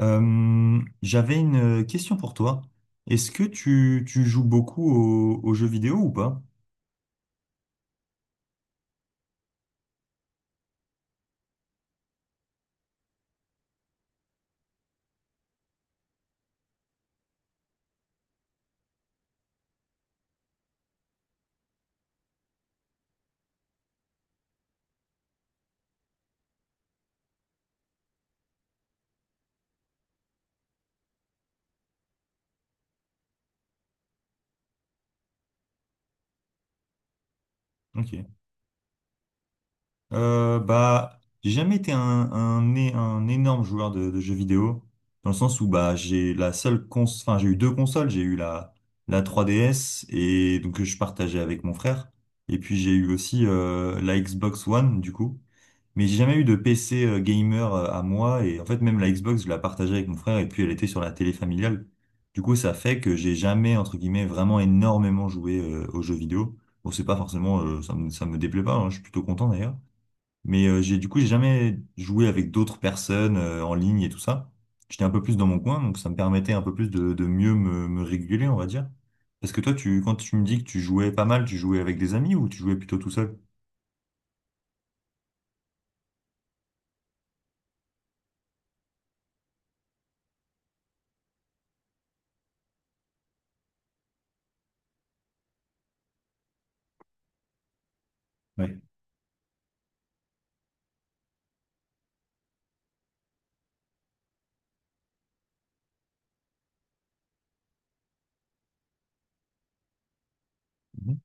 J'avais une question pour toi. Est-ce que tu joues beaucoup aux jeux vidéo ou pas? Ok. Bah, j'ai jamais été un énorme joueur de jeux vidéo, dans le sens où bah, j'ai la seule cons enfin, j'ai eu deux consoles, j'ai eu la 3DS et donc que je partageais avec mon frère, et puis j'ai eu aussi la Xbox One du coup. Mais j'ai jamais eu de PC gamer à moi, et en fait même la Xbox je la partageais avec mon frère et puis elle était sur la télé familiale. Du coup ça fait que j'ai jamais, entre guillemets, vraiment énormément joué aux jeux vidéo. Bon, c'est pas forcément ça me déplaît pas, hein, je suis plutôt content d'ailleurs. Mais j'ai du coup j'ai jamais joué avec d'autres personnes en ligne et tout ça. J'étais un peu plus dans mon coin, donc ça me permettait un peu plus de mieux me réguler, on va dire. Parce que toi tu quand tu me dis que tu jouais pas mal, tu jouais avec des amis ou tu jouais plutôt tout seul? Ouais. Mhm.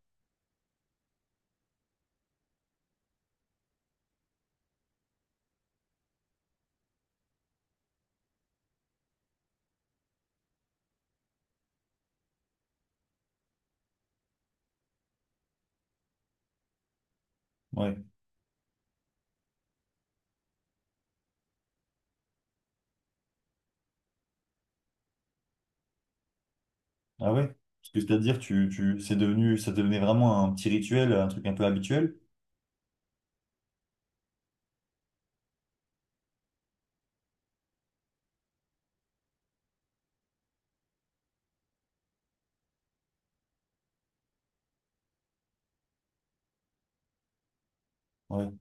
Ouais. Ah ouais? Parce que c'est-à-dire, ça devenait vraiment un petit rituel, un truc un peu habituel. Ouais.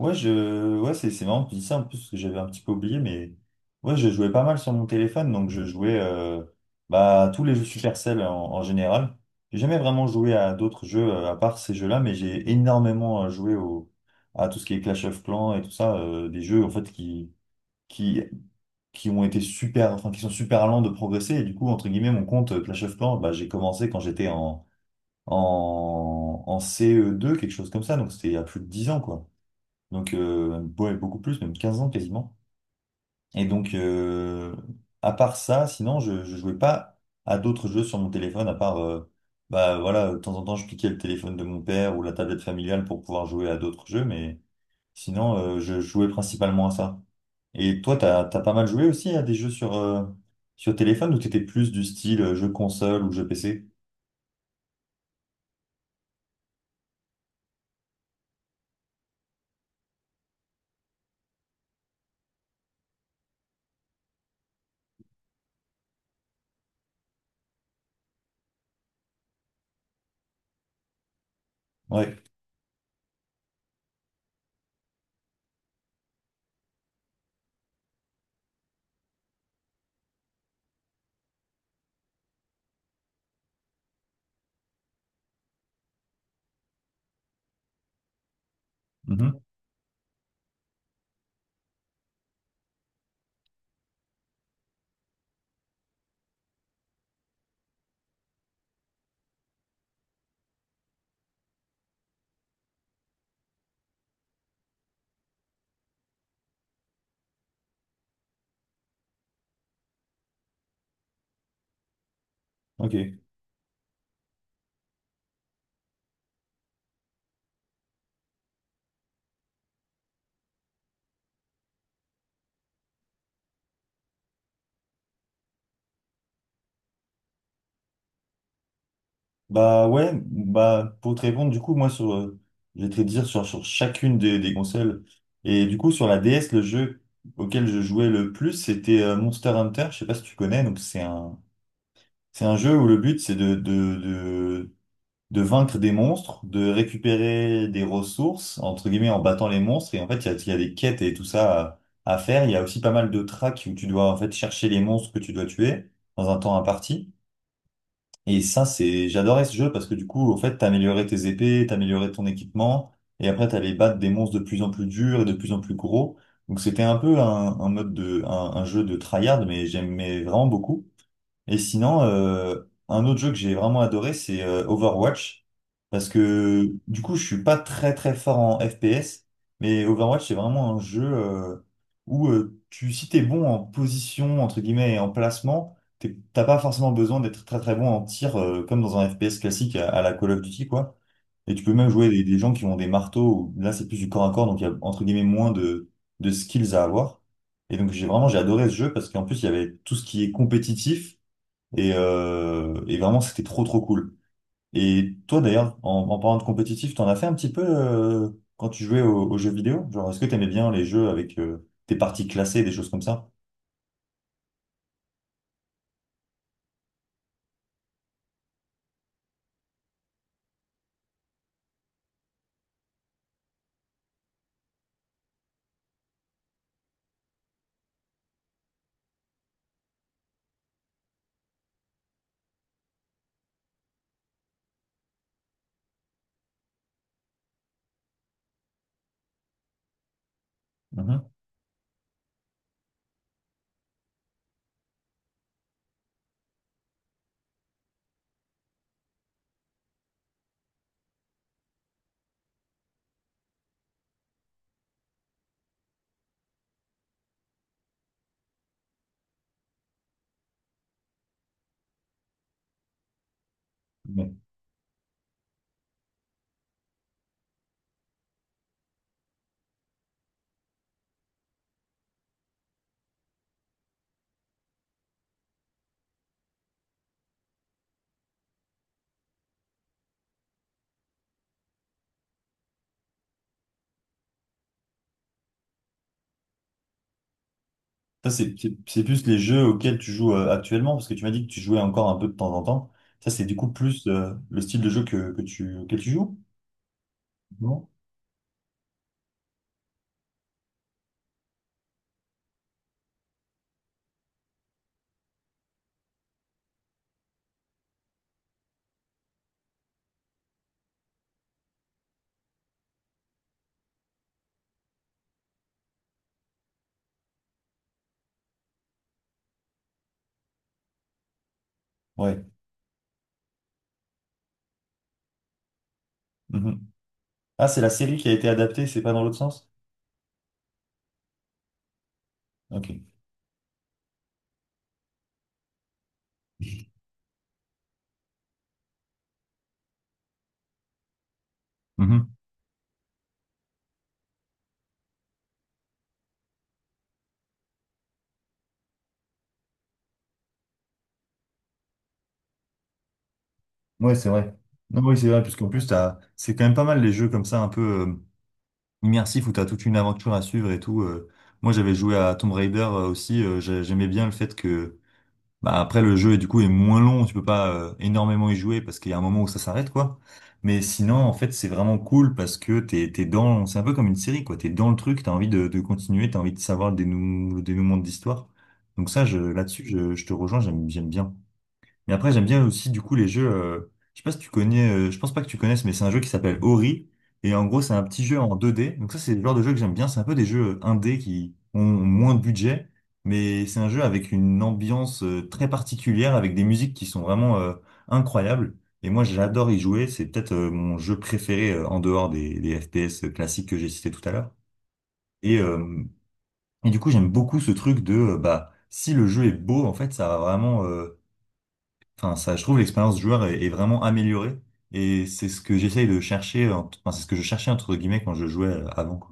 Ouais, ouais, c'est marrant que tu dis ça, en plus, parce que j'avais un petit peu oublié, mais ouais, je jouais pas mal sur mon téléphone. Donc je jouais, bah, à tous les jeux Supercell en général. J'ai jamais vraiment joué à d'autres jeux à part ces jeux-là, mais j'ai énormément joué à tout ce qui est Clash of Clans et tout ça, des jeux, en fait, qui, qui ont été super, enfin, qui sont super lents de progresser. Et du coup, entre guillemets, mon compte Clash of Clans, bah, j'ai commencé quand j'étais en CE2, quelque chose comme ça. Donc c'était il y a plus de 10 ans, quoi. Donc ouais, beaucoup plus, même 15 ans quasiment. Et donc, à part ça, sinon, je jouais pas à d'autres jeux sur mon téléphone, à part, bah voilà, de temps en temps, je piquais le téléphone de mon père ou la tablette familiale pour pouvoir jouer à d'autres jeux. Mais sinon, je jouais principalement à ça. Et toi, t'as pas mal joué aussi à des jeux sur téléphone, ou t'étais plus du style jeu console ou jeu PC? Ouais. Mhm. Ok. Bah ouais, bah pour te répondre, du coup, moi sur je vais te dire sur, sur chacune des consoles. Et du coup, sur la DS, le jeu auquel je jouais le plus, c'était Monster Hunter. Je sais pas si tu connais. Donc c'est un jeu où le but c'est de vaincre des monstres, de récupérer des ressources, entre guillemets, en battant les monstres. Et en fait, il y a des quêtes et tout ça à faire. Il y a aussi pas mal de tracks où tu dois en fait chercher les monstres que tu dois tuer dans un temps imparti. Et ça, j'adorais ce jeu, parce que du coup, en fait, t'améliorais tes épées, t'améliorais ton équipement, et après, t'allais battre des monstres de plus en plus durs et de plus en plus gros. Donc c'était un peu un jeu de tryhard, mais j'aimais vraiment beaucoup. Et sinon, un autre jeu que j'ai vraiment adoré, c'est Overwatch. Parce que du coup, je suis pas très très fort en FPS, mais Overwatch, c'est vraiment un jeu où si t'es bon en position, entre guillemets, et en placement, t'as pas forcément besoin d'être très très bon en tir, comme dans un FPS classique à la Call of Duty, quoi. Et tu peux même jouer des gens qui ont des marteaux, où là c'est plus du corps à corps, donc il y a, entre guillemets, moins de skills à avoir. Et donc j'ai vraiment j'ai adoré ce jeu parce qu'en plus il y avait tout ce qui est compétitif. Et vraiment, c'était trop, trop cool. Et toi, d'ailleurs, en, en parlant de compétitif, t'en as fait un petit peu quand tu jouais aux jeux vidéo? Genre, est-ce que t'aimais bien les jeux avec des parties classées, des choses comme ça? Mhm. Ouais. Ça, c'est plus les jeux auxquels tu joues actuellement, parce que tu m'as dit que tu jouais encore un peu de temps en temps. Ça, c'est du coup plus le style de jeu auquel tu joues? Non? Ouais. Mhm. Ah, c'est la série qui a été adaptée, c'est pas dans l'autre sens? Ok. Mhm. Ouais, c'est vrai. Non, oui, c'est vrai, puisqu'en plus, c'est quand même pas mal, les jeux comme ça, un peu euh, immersifs, où tu as toute une aventure à suivre et tout. Moi, j'avais joué à Tomb Raider aussi. J'aimais bien le fait que, bah, après, le jeu, du coup, est moins long. Tu peux pas énormément y jouer parce qu'il y a un moment où ça s'arrête, quoi. Mais sinon, en fait, c'est vraiment cool parce que c'est un peu comme une série, quoi. T'es dans le truc, t'as envie de continuer, t'as envie de savoir le dénouement de l'histoire. Donc ça, là-dessus, je te rejoins, j'aime bien. Mais après, j'aime bien aussi, du coup, les jeux. Je sais pas si tu connais, je pense pas que tu connaisses, mais c'est un jeu qui s'appelle Ori. Et en gros, c'est un petit jeu en 2D. Donc ça, c'est le genre de jeu que j'aime bien. C'est un peu des jeux 1D qui ont moins de budget. Mais c'est un jeu avec une ambiance très particulière, avec des musiques qui sont vraiment incroyables. Et moi, j'adore y jouer. C'est peut-être mon jeu préféré en dehors des FPS classiques que j'ai cités tout à l'heure. Et, euh, et du coup, j'aime beaucoup ce truc bah, si le jeu est beau, en fait, ça va vraiment. Enfin, ça, je trouve l'expérience joueur est vraiment améliorée, et c'est ce que j'essaye de chercher, enfin, c'est ce que je cherchais, entre guillemets, quand je jouais avant, quoi.